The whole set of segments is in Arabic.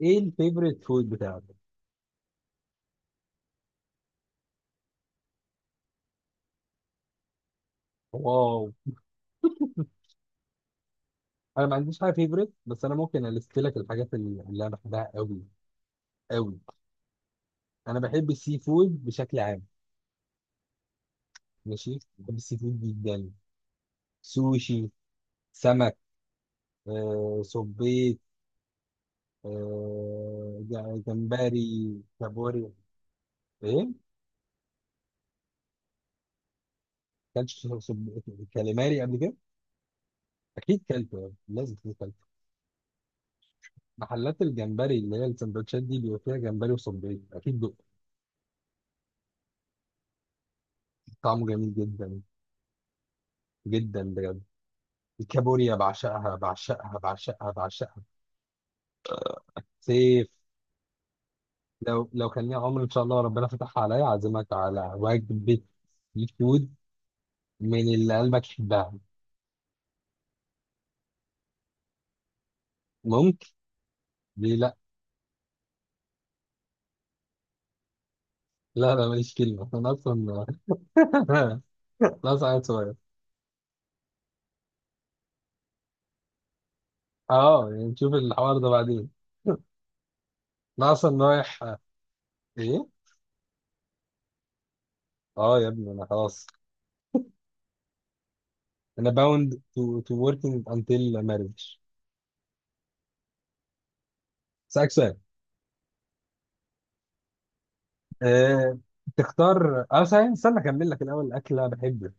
ايه الفيفوريت فود بتاعك؟ واو. انا ما عنديش حاجه فيفوريت، بس انا ممكن الست لك الحاجات اللي انا بحبها قوي. قوي. انا بحب السي فود بشكل عام. ماشي، بحب السي فود جدا. سوشي، سمك، صبيط، جمبري، كابوري. ايه؟ كلتش صب- كاليماري قبل كده اكيد كلته، يعني لازم تكون كلته. محلات الجمبري اللي هي السندوتشات دي بيبقى فيها جمبري وصبيط اكيد دقت. طعمه جميل جدا، جدا بجد. الكابوريا بعشقها بعشقها بعشقها بعشقها. سيف. لو كان لي عمر ان شاء الله ربنا فتحها عليا اعزمك على وجبه سي فود من اللي قلبك يحبها. ممكن. ليه لا؟ لا لا ماليش كلمه انا اصلا. انا اصلا قاعد صغير. اه يعني نشوف الحوار ده بعدين. انا اصلا رايح. ايه؟ اه يا ابني انا خلاص. انا باوند تو وركينج انتل ماريج. اسالك سؤال. آه، تختار، اه صحيح، استنى اكمل لك الاول الاكل اللي انا بحبه.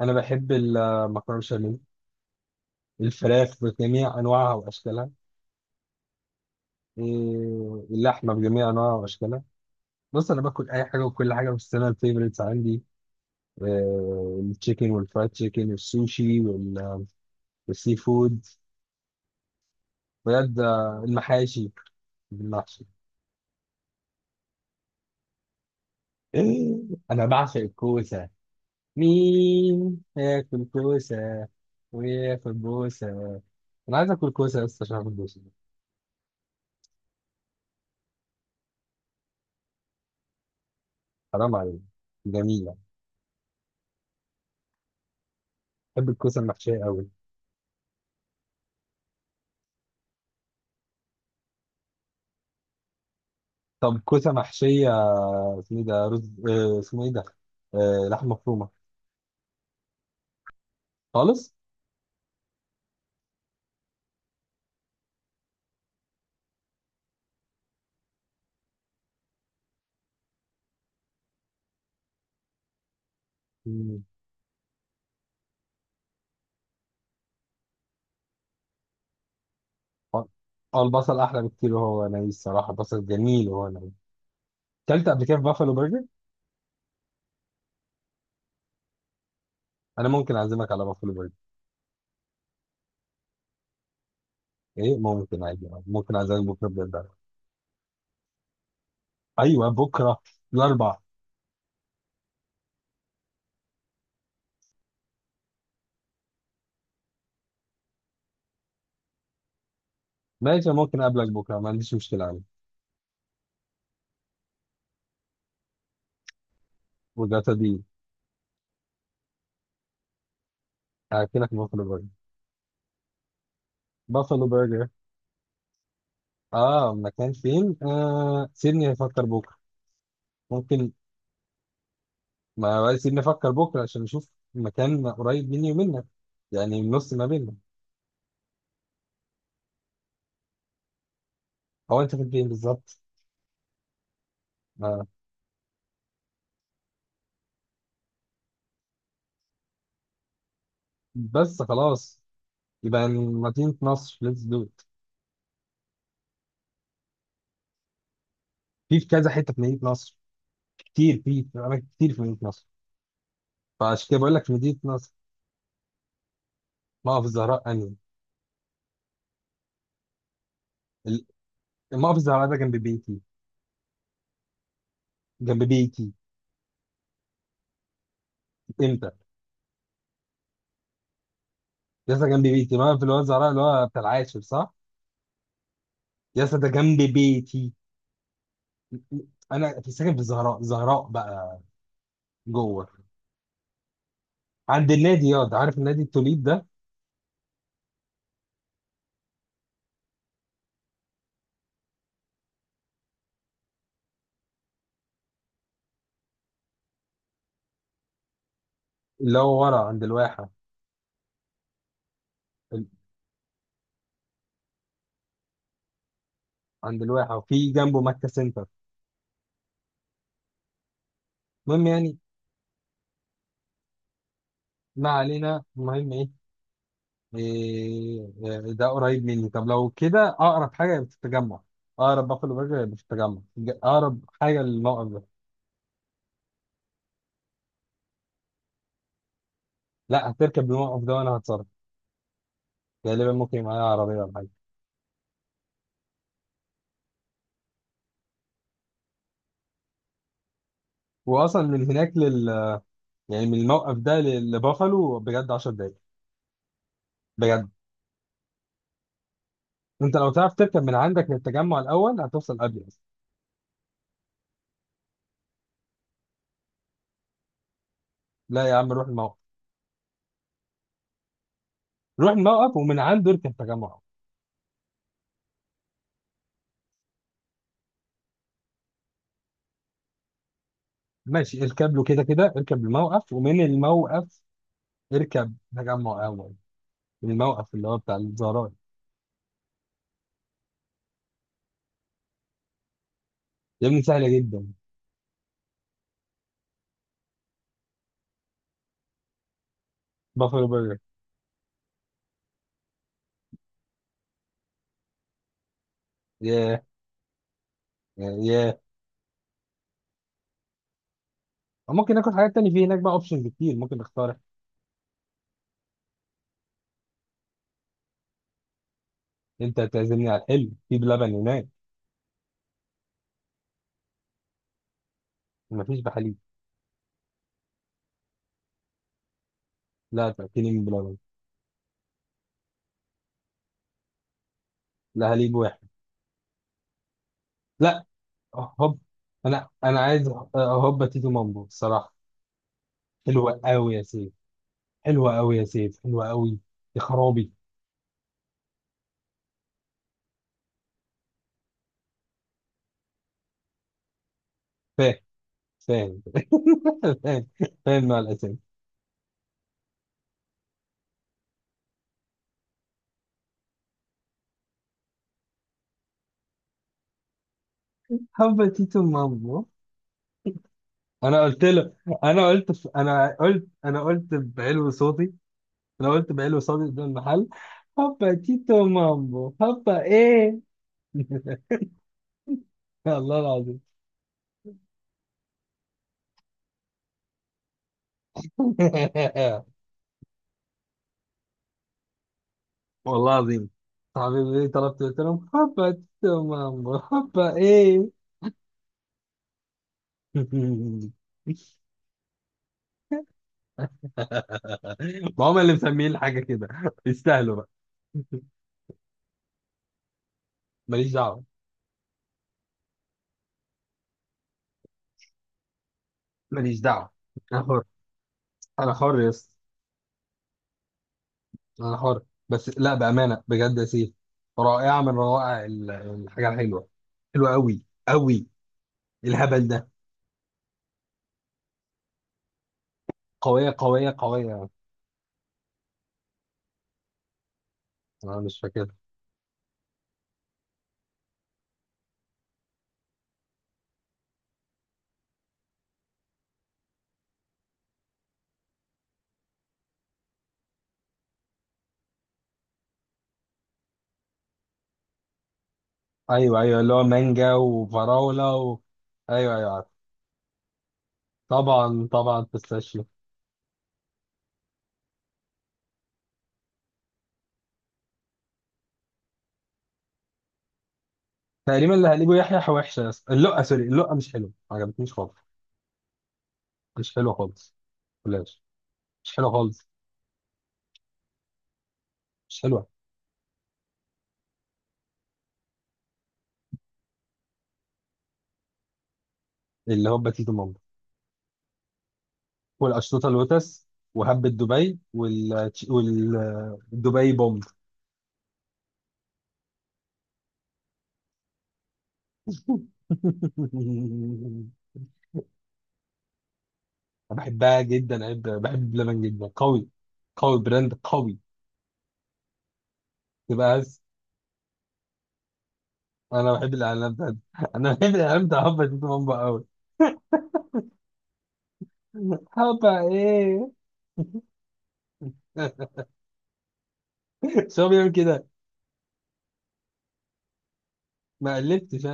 انا بحب المكرونه بشاميل، الفراخ بجميع انواعها واشكالها، اللحمه بجميع انواعها واشكالها. بص، انا باكل اي حاجه وكل حاجه، بس انا الفيفوريتس عندي التشيكن والفرايد تشيكن والسوشي والسي فود. بجد المحاشي، المحشي. انا بعشق الكوسه. مين هياكل كوسه وياكل بوسه؟ انا عايز اكل كوسه بس عشان اكل بوسه. حرام عليك. جميله. بحب الكوسه المحشيه قوي. طب كوسه محشيه اسمه ايه ده، رز، اسمه ايه ده، لحمه مفرومه، خالص. مم. اه. البصل احلى بكتير وهو ني، الصراحه البصل جميل وهو ني. اكلت قبل كده في بافلو برجر. انا ممكن اعزمك على بافلو برجر. ايه ممكن عادي، ممكن اعزمك بكره بجد. ايوه بكره، الاربع. ماشي، ممكن اقابلك بكره، ما عنديش مشكله عادي. وجاتا دي. هاكلك بافلو برجر. بافلو برجر. اه مكان فين، سيبني افكر بكره. ممكن، ما بس نفكر بكره عشان نشوف مكان قريب مني ومنك، يعني من النص ما بيننا. هو انت كنت فين بالظبط؟ آه. بس خلاص، يبقى مدينه نصر، ليتس دو ات. في كذا حته في مدينه نصر، كتير في اماكن كتير في مدينه نصر، فعشان كده بقول لك مدينه نصر. موقف الزهراء انهي؟ ال- موقف الزهراء ده جنب بيتي. جنب بيتي. امتى؟ ياسا جنب بيتي موقف اللي هو الزهراء اللي هو بتاع العاشر صح. ياسا ده جنب بيتي. انا في ساكن في الزهراء، زهراء بقى، جوه. عند النادي ياض، عارف النادي التوليب ده؟ اللي هو ورا عند الواحة، ال- عند الواحة وفي جنبه مكة سنتر. المهم يعني، ما علينا، المهم ايه. إيه إيه، ده قريب مني، طب لو كده اقرب حاجه يبقى في التجمع. اقرب بافلو برجر يبقى في التجمع، اقرب حاجه للموقف ده. لا، هتركب الموقف ده وانا هتصرف، غالبا ممكن يبقى معايا عربيه ولا حاجه. واصلا من هناك لل يعني من الموقف ده لبافلو بجد 10 دقايق بجد. انت لو تعرف تركب من عندك للتجمع الاول هتوصل قبل. لا يا عم، روح الموقف، روح الموقف ومن عنده اركب تجمع. ماشي، اركب له كده كده، اركب الموقف ومن الموقف اركب تجمع اول، الموقف اللي هو بتاع الزهراء. يا ابني سهله جدا. بافلو برجر. ياه. ياه، ممكن ناكل حاجات تانية في هناك بقى، اوبشنز كتير ممكن نختار. انت تعزمني على الحلو في بلبن هناك. مفيش بحليب. لا تاكلني من بلبن. لا حليب واحد. لا. هوب. انا عايز هوبا تيتو مامبو الصراحه. حلوه قوي يا سيف، حلوه قوي يا سيف، حلوه قوي. يا خرابي. فاهم، فاهم. الحين الحين مع الاسم. حبتي ام امه. انا قلت له، انا قلت بعلو صوتي. انا قلت بعلو صوتي قدام المحل. حبتي ام امه، حبه ايه. الله العظيم. والله العظيم. صاحبي بيقول لي طلبت، قلت لهم حبتي ام امه، حبه ايه. ما هم اللي مسميين الحاجه كده، يستاهلوا بقى. ماليش دعوه، ماليش دعوه. انا حر، انا حر يا اسطى، انا حر. بس لا، بامانه بجد يا سيف، رائعه من روائع الحاجه الحلوه، حلوه قوي، قوي. الهبل ده. قويه قويه قويه. انا مش فاكر. ايوه ايوه، اللي هو مانجا وفراوله و... ايوه ايوه عارف. طبعا طبعا بيستاشيو. تقريبا اللي هجيبه يحيى وحشه يا اسطى، اللقه سوري، اللقه مش حلوه، ما عجبتنيش خالص. مش حلوه خالص، بلاش، مش حلوه خالص، مش حلوه. اللي هو باتيتو مامبا والاشطوطه اللوتس وهبة دبي والدبي بوم. بحبها جدا عيب، بحب اللبن جدا قوي، قوي، براند قوي، تبقى بس. انا بحب الاعلانات بتاعت، انا بحب الاعلان بتاع هبه شيتو بامبا قوي. هبه ايه؟ بس هو بيعمل كده، ما قلبتش.